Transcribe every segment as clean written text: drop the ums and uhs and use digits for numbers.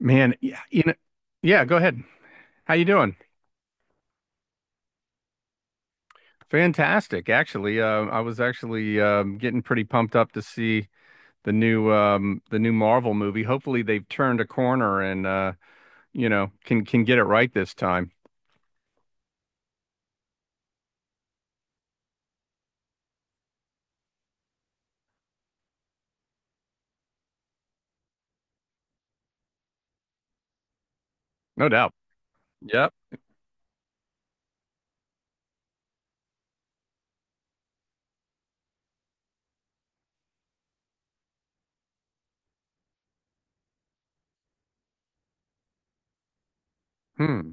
Man, yeah, yeah, go ahead. How you doing? Fantastic, actually. I was actually getting pretty pumped up to see the new Marvel movie. Hopefully, they've turned a corner and can get it right this time. No doubt. Yep. Hmm.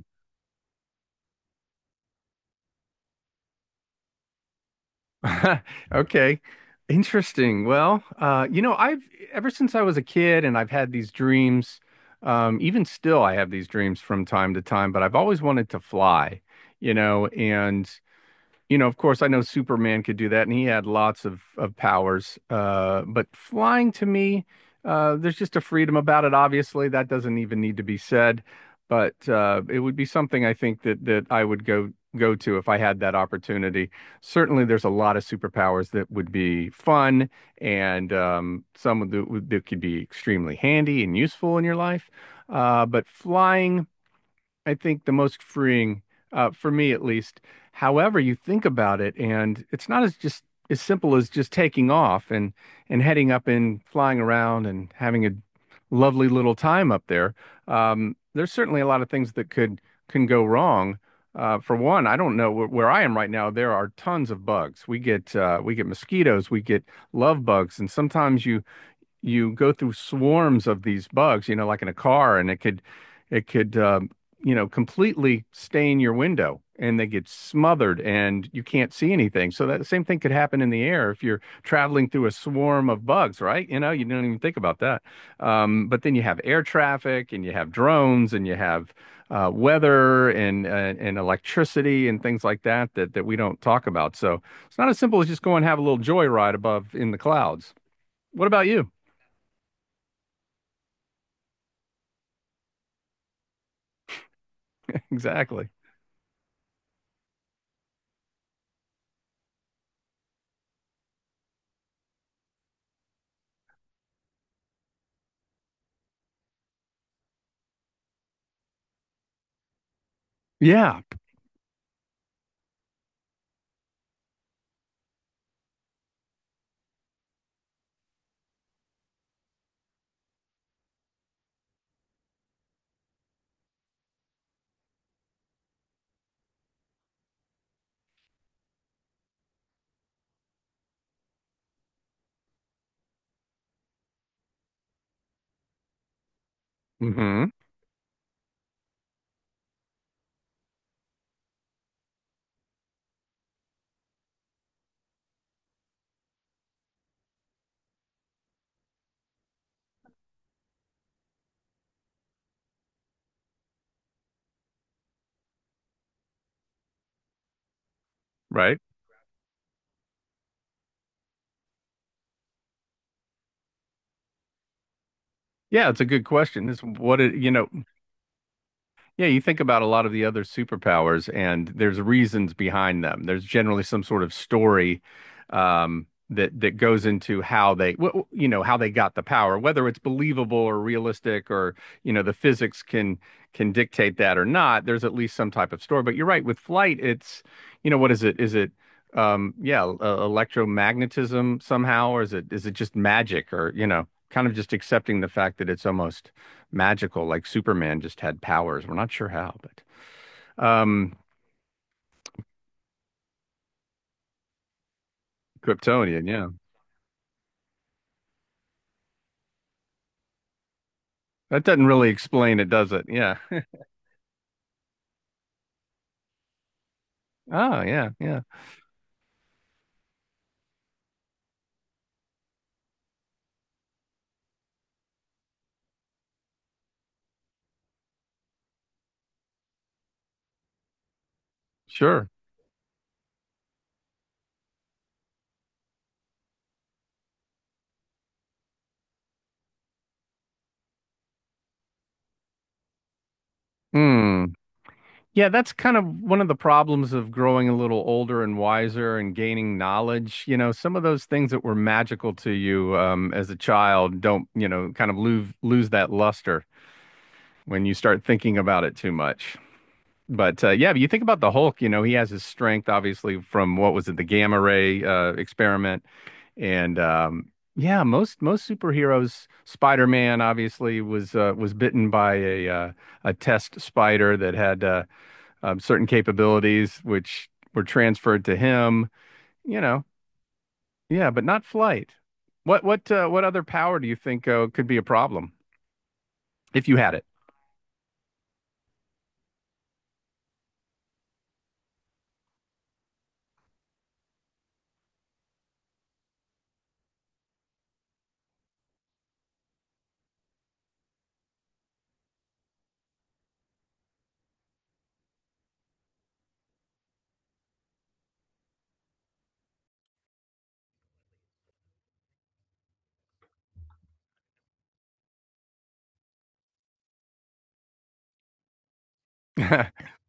Okay. Interesting. Well, I've ever since I was a kid, and I've had these dreams. Even still, I have these dreams from time to time, but I've always wanted to fly. You know, and of course, I know Superman could do that, and he had lots of powers. But flying to me, there's just a freedom about it. Obviously, that doesn't even need to be said. But it would be something I think that I would go to if I had that opportunity. Certainly, there's a lot of superpowers that would be fun, and that could be extremely handy and useful in your life. But flying. I think the most freeing, for me at least. However, you think about it, and it's not as just as simple as just taking off and heading up and flying around and having a lovely little time up there. There's certainly a lot of things that could can go wrong. For one, I don't know where I am right now. There are tons of bugs. We get mosquitoes, we get love bugs, and sometimes you go through swarms of these bugs, you know, like in a car, and it could completely stain your window, and they get smothered, and you can't see anything. So that same thing could happen in the air if you're traveling through a swarm of bugs, right? You know, you don't even think about that. But then you have air traffic, and you have drones, and you have weather and electricity and things like that we don't talk about. So it's not as simple as just go and have a little joyride above in the clouds. What about you? Exactly. Yeah. Hmm. Right. Yeah, it's a good question. It's what it, you know, Yeah, you think about a lot of the other superpowers, and there's reasons behind them. There's generally some sort of story that goes into how you know, how they got the power, whether it's believable or realistic, or you know, the physics can dictate that or not. There's at least some type of story. But you're right, with flight, you know, what is it? Yeah, electromagnetism somehow, or is it just magic, or you know, kind of just accepting the fact that it's almost magical, like Superman just had powers. We're not sure how, but um, Kryptonian, yeah. That doesn't really explain it, does it? Yeah. Oh, yeah, yeah. Sure. Hmm. Yeah, that's kind of one of the problems of growing a little older and wiser and gaining knowledge. You know, some of those things that were magical to you as a child don't, you know, kind of lose that luster when you start thinking about it too much. But yeah, but you think about the Hulk, you know, he has his strength obviously from what was it, the gamma ray experiment. And yeah, most superheroes, Spider-Man obviously was bitten by a test spider that had certain capabilities which were transferred to him. You know, yeah, but not flight. What other power do you think could be a problem if you had it?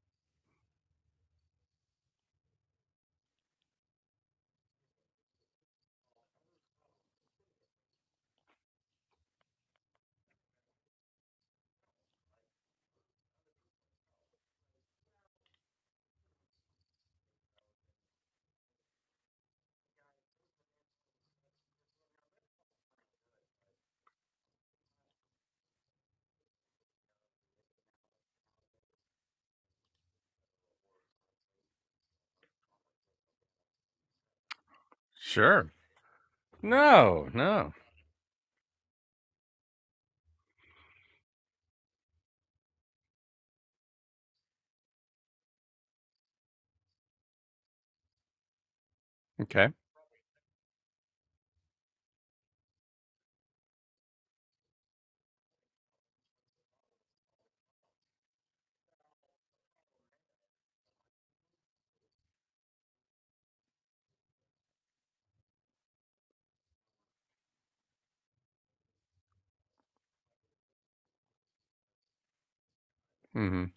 Sure. No, no. Okay. Mhm.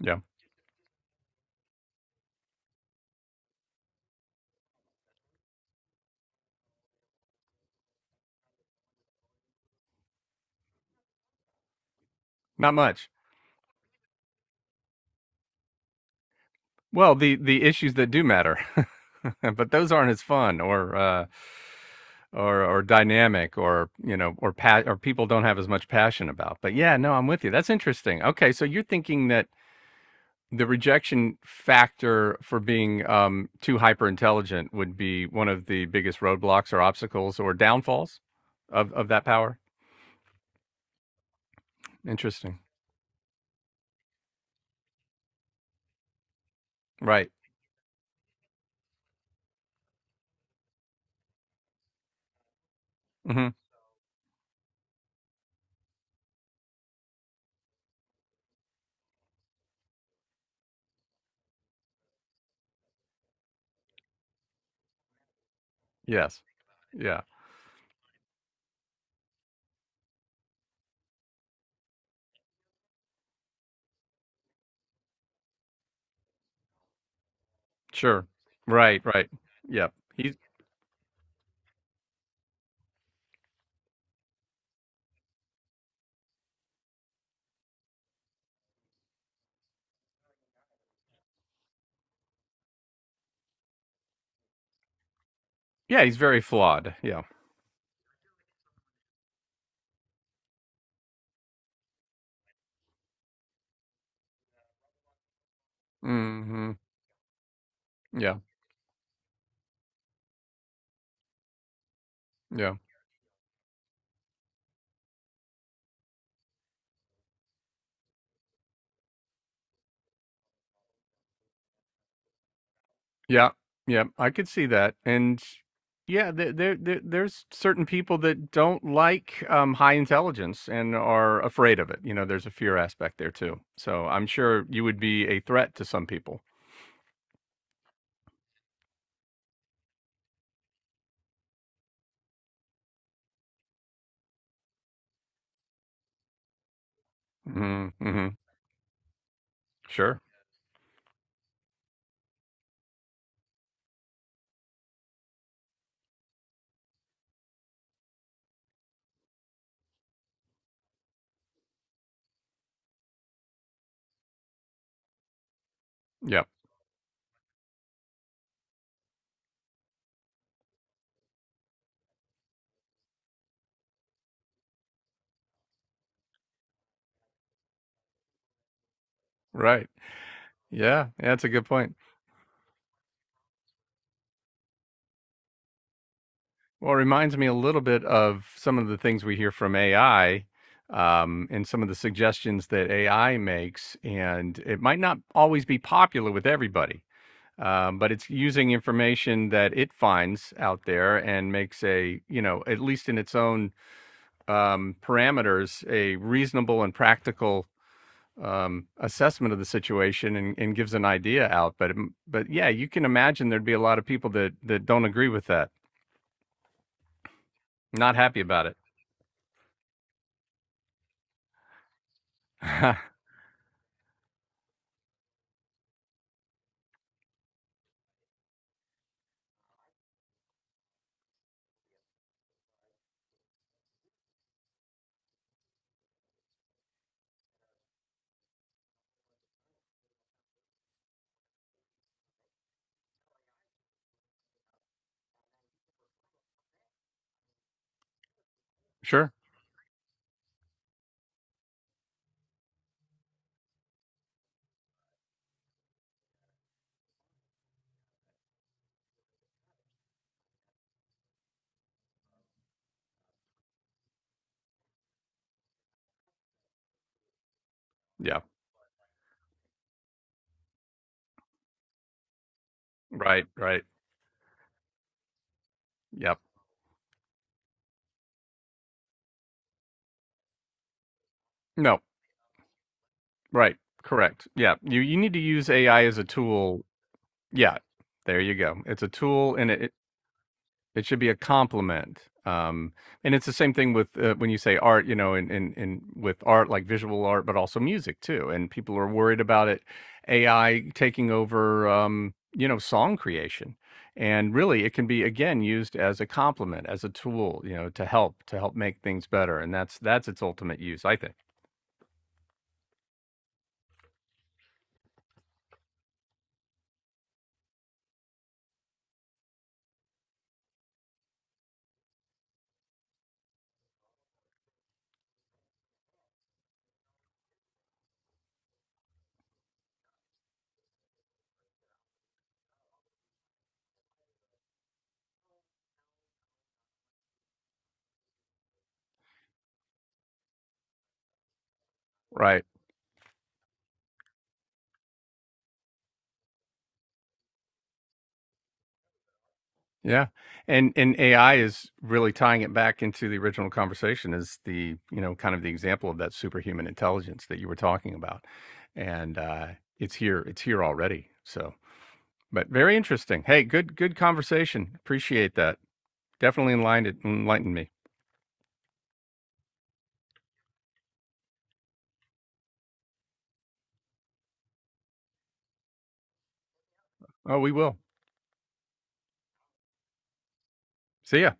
Yeah. Not much. Well, the issues that do matter, but those aren't as fun or or dynamic or you know or people don't have as much passion about. But yeah, no, I'm with you. That's interesting. Okay, so you're thinking that the rejection factor for being too hyper intelligent would be one of the biggest roadblocks or obstacles or downfalls of that power. Interesting. Right. Hmm. Yes. Yeah. Sure. Right. Right. Yeah. He's yeah. He's very flawed. Yeah. Mhm. Yeah, yeah. Yeah, yeah, I could see that, and yeah, there's certain people that don't like, high intelligence and are afraid of it, you know, there's a fear aspect there too, so I'm sure you would be a threat to some people. Mhm, mhm. Sure. Yep. Right. Yeah, yeah. That's a good point. Well, it reminds me a little bit of some of the things we hear from AI, and some of the suggestions that AI makes. And it might not always be popular with everybody, but it's using information that it finds out there and makes you know, at least in its own parameters, a reasonable and practical assessment of the situation and gives an idea but yeah you can imagine there'd be a lot of people that don't agree with that, not happy about it. Sure. Yeah. Right, right. Yep. No. Right. Correct. Yeah. You need to use AI as a tool. Yeah. There you go. It's a tool and it should be a complement. And it's the same thing with when you say art, you know, and in with art like visual art, but also music too. And people are worried about it, AI taking over, you know, song creation. And really, it can be again used as a complement, as a tool, you know, to help make things better. And that's its ultimate use, I think. Right. Yeah. And AI is really tying it back into the original conversation is the, you know, kind of the example of that superhuman intelligence that you were talking about. And it's here already. So, but very interesting. Hey, good conversation. Appreciate that. Definitely enlightened me. Oh, we will. See ya.